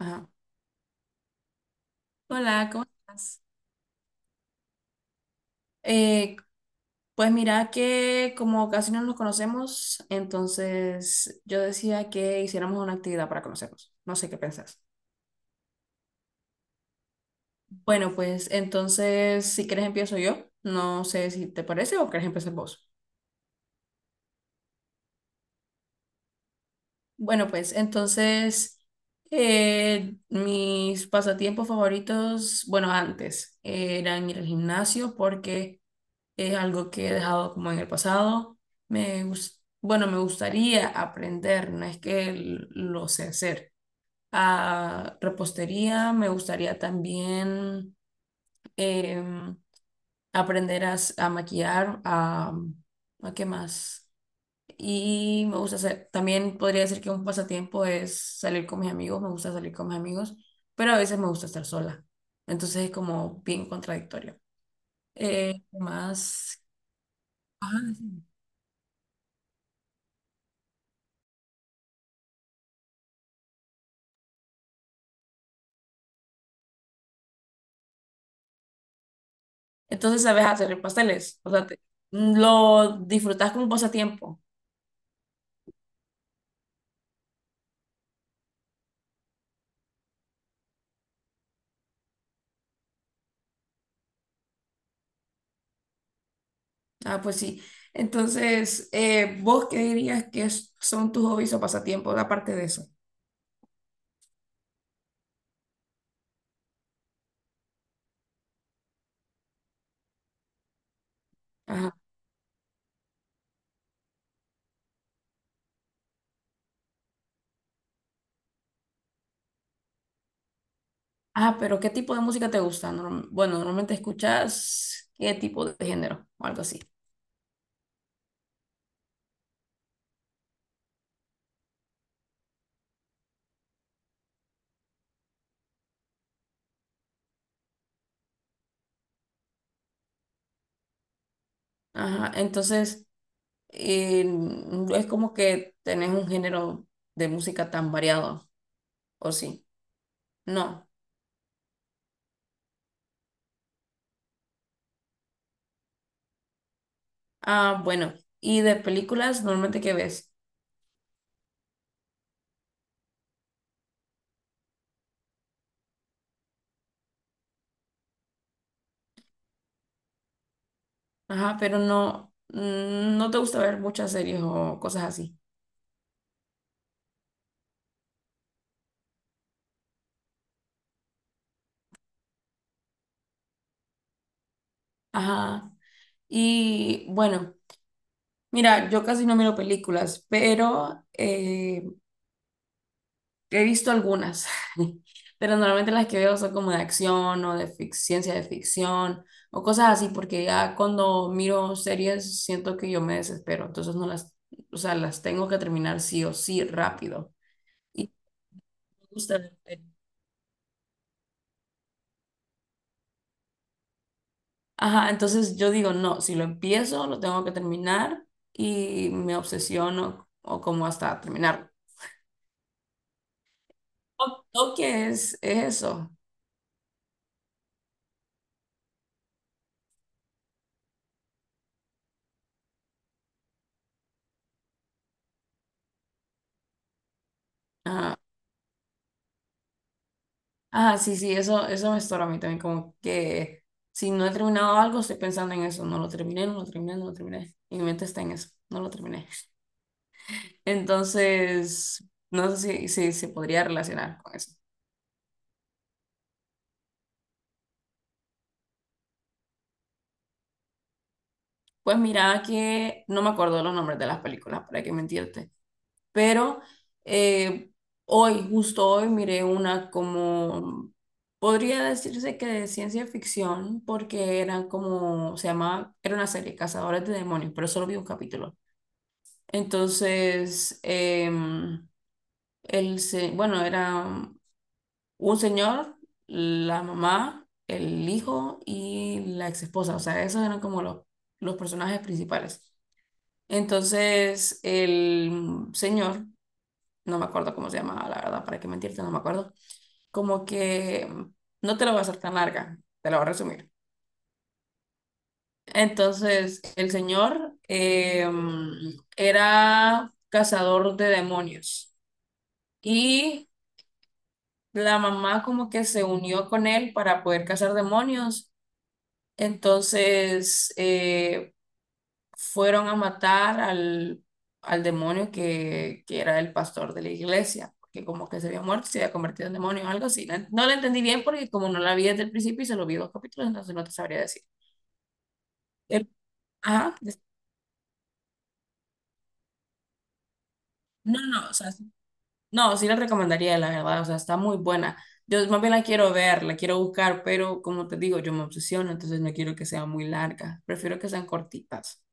Ajá. Hola, ¿cómo estás? Eh, pues mira que como casi no nos conocemos, entonces yo decía que hiciéramos una actividad para conocernos. No sé qué pensás. Bueno, pues entonces si quieres empiezo yo. No sé si te parece o quieres empezar vos. Bueno, pues entonces mis pasatiempos favoritos, bueno, antes eran ir al gimnasio porque es algo que he dejado como en el pasado. Bueno, me gustaría aprender, no es que lo sé hacer. A repostería me gustaría también em, aprender a, a maquillar, ¿a qué más? Y me gusta hacer, también podría decir que un pasatiempo es salir con mis amigos, me gusta salir con mis amigos, pero a veces me gusta estar sola. Entonces es como bien contradictorio. ¿Qué más? Ajá, sí. Entonces sabes hacer pasteles, o sea, lo disfrutas como pasatiempo. Ah, pues sí. Entonces, ¿vos qué dirías que son tus hobbies o pasatiempos aparte de eso? Ajá. Ah, pero ¿qué tipo de música te gusta? Bueno, normalmente escuchas qué tipo de género o algo así. Ajá, entonces no es como que tenés un género de música tan variado, ¿o sí? No. Ah, bueno. ¿Y de películas normalmente qué ves? Ajá, pero no, no te gusta ver muchas series o cosas así. Ajá. Y bueno, mira, yo casi no miro películas, pero he visto algunas. Pero normalmente las que veo son como de acción o de ciencia de ficción o cosas así, porque ya cuando miro series siento que yo me desespero, entonces no las, o sea, las tengo que terminar sí o sí rápido. Y me gusta ver Ajá, entonces yo digo, no, si lo empiezo, lo tengo que terminar y me obsesiono o como hasta terminarlo. Toque es eso. Ajá. Ajá, sí, sí, eso me estorba a mí también, como que si no he terminado algo, estoy pensando en eso, no lo terminé, no lo terminé, no lo terminé. Y mi mente está en eso, no lo terminé. Entonces, no sé si, si se podría relacionar con eso. Pues mira que no me acuerdo los nombres de las películas, para qué mentirte. Pero eh, hoy, justo hoy, miré una como, podría decirse que de ciencia ficción, porque eran como, se llamaba, era una serie, Cazadores de Demonios, pero solo vi un capítulo. Entonces, el, bueno, era un señor, la mamá, el hijo y la ex esposa, o sea, esos eran como los personajes principales. Entonces, el señor no me acuerdo cómo se llamaba, la verdad, para qué mentirte, no me acuerdo. Como que no te la voy a hacer tan larga, te la voy a resumir. Entonces, el señor era cazador de demonios y la mamá como que se unió con él para poder cazar demonios. Entonces, fueron a matar al, al demonio que era el pastor de la iglesia, que como que se había muerto, y se había convertido en demonio o algo así. No, no lo entendí bien porque como no la vi desde el principio y se lo vi dos capítulos, entonces no te sabría decir. El- ajá, des- no, no, o sea, no, sí la recomendaría, la verdad, o sea, está muy buena. Yo más bien la quiero ver, la quiero buscar, pero como te digo, yo me obsesiono, entonces no quiero que sea muy larga, prefiero que sean cortitas.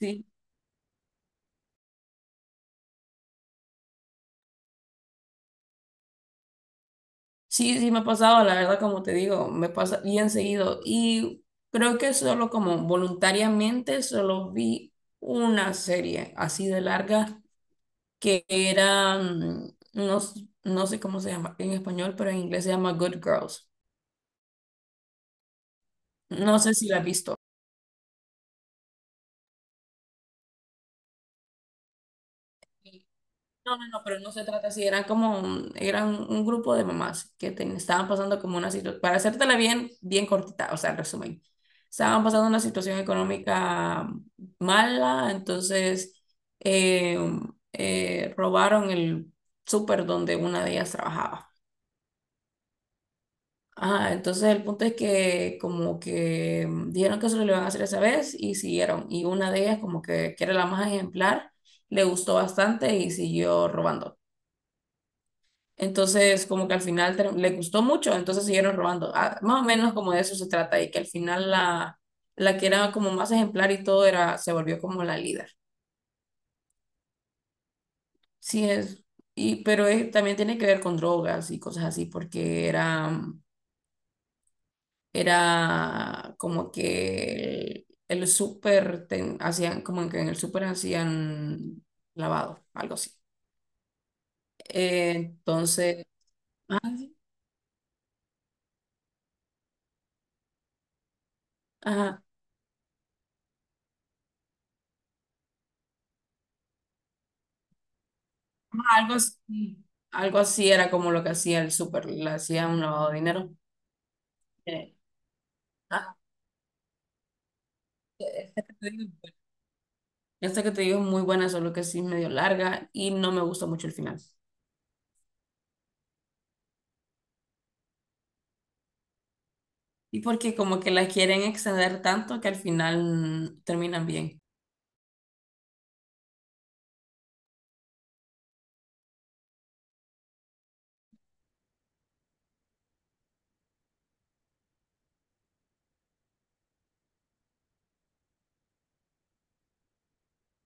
Sí. Sí, sí me ha pasado, la verdad, como te digo, me pasa bien seguido. Y creo que solo como voluntariamente solo vi una serie así de larga que era, mm, no, s- no sé cómo se llama en español, pero en inglés se llama Good Girls. No sé si la has visto. No, no, no, pero no se trata así, eran como, eran un grupo de mamás que estaban pasando como una situación, para hacértela bien, bien cortita, o sea, el resumen, estaban pasando una situación económica mala, entonces eh, robaron el súper donde una de ellas trabajaba. Ajá, entonces el punto es que como que dijeron que solo lo iban a hacer esa vez y siguieron, y una de ellas como que era la más ejemplar, le gustó bastante y siguió robando. Entonces, como que al final ter- le gustó mucho, entonces siguieron robando. Ah, más o menos como de eso se trata, y que al final la, la que era como más ejemplar y todo era, se volvió como la líder. Sí es, y, pero es- también tiene que ver con drogas y cosas así, porque era, era como que el súper, ten- hacían, como que en el súper hacían lavado, algo así. Entonces, ah, sí, ajá. Algo así, algo así era como lo que hacía el súper, le hacía un lavado de dinero. Eh, ah, te digo, esta que te digo es muy buena, solo que sí es medio larga y no me gusta mucho el final. Y porque como que la quieren extender tanto que al final terminan bien.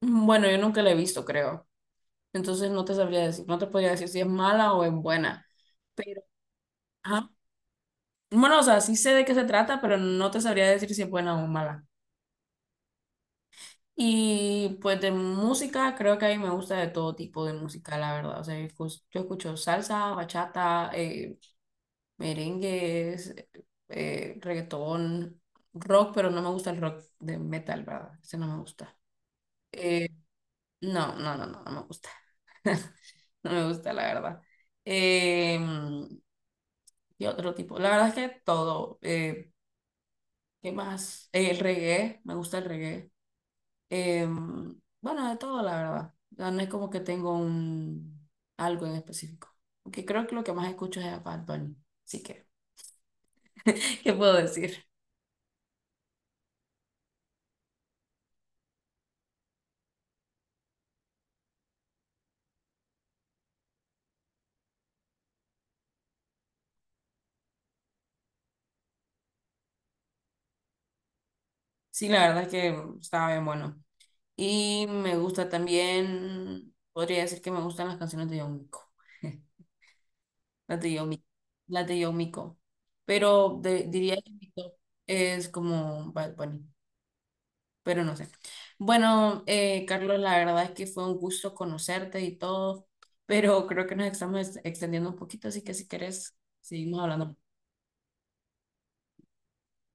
Mm, bueno, yo nunca la he visto, creo. Entonces no te sabría decir, no te podría decir si es mala o es buena. Pero, ajá. Bueno, o sea, sí sé de qué se trata, pero no te sabría decir si es buena o mala. Y pues de música, creo que a mí me gusta de todo tipo de música, la verdad. O sea, yo escucho salsa, bachata, merengues, reggaetón, rock, pero no me gusta el rock de metal, ¿verdad? Ese no me gusta. Eh, no, no, no, no, no me gusta. No me gusta, la verdad. Eh, y otro tipo. La verdad es que todo. ¿Qué más? El reggae, me gusta el reggae. Bueno, de todo, la verdad. Ya no es como que tengo un algo en específico. Aunque creo que lo que más escucho es a Bad Bunny. Así que, ¿qué puedo decir? Sí, la verdad es que estaba bien bueno. Y me gusta también, podría decir que me gustan las canciones de Yomiko. Las de Yomiko. Las de Yomiko. Pero de- diría que mi top es como Bad Bunny. Pero no sé. Bueno, Carlos, la verdad es que fue un gusto conocerte y todo, pero creo que nos estamos extendiendo un poquito, así que si quieres, seguimos hablando.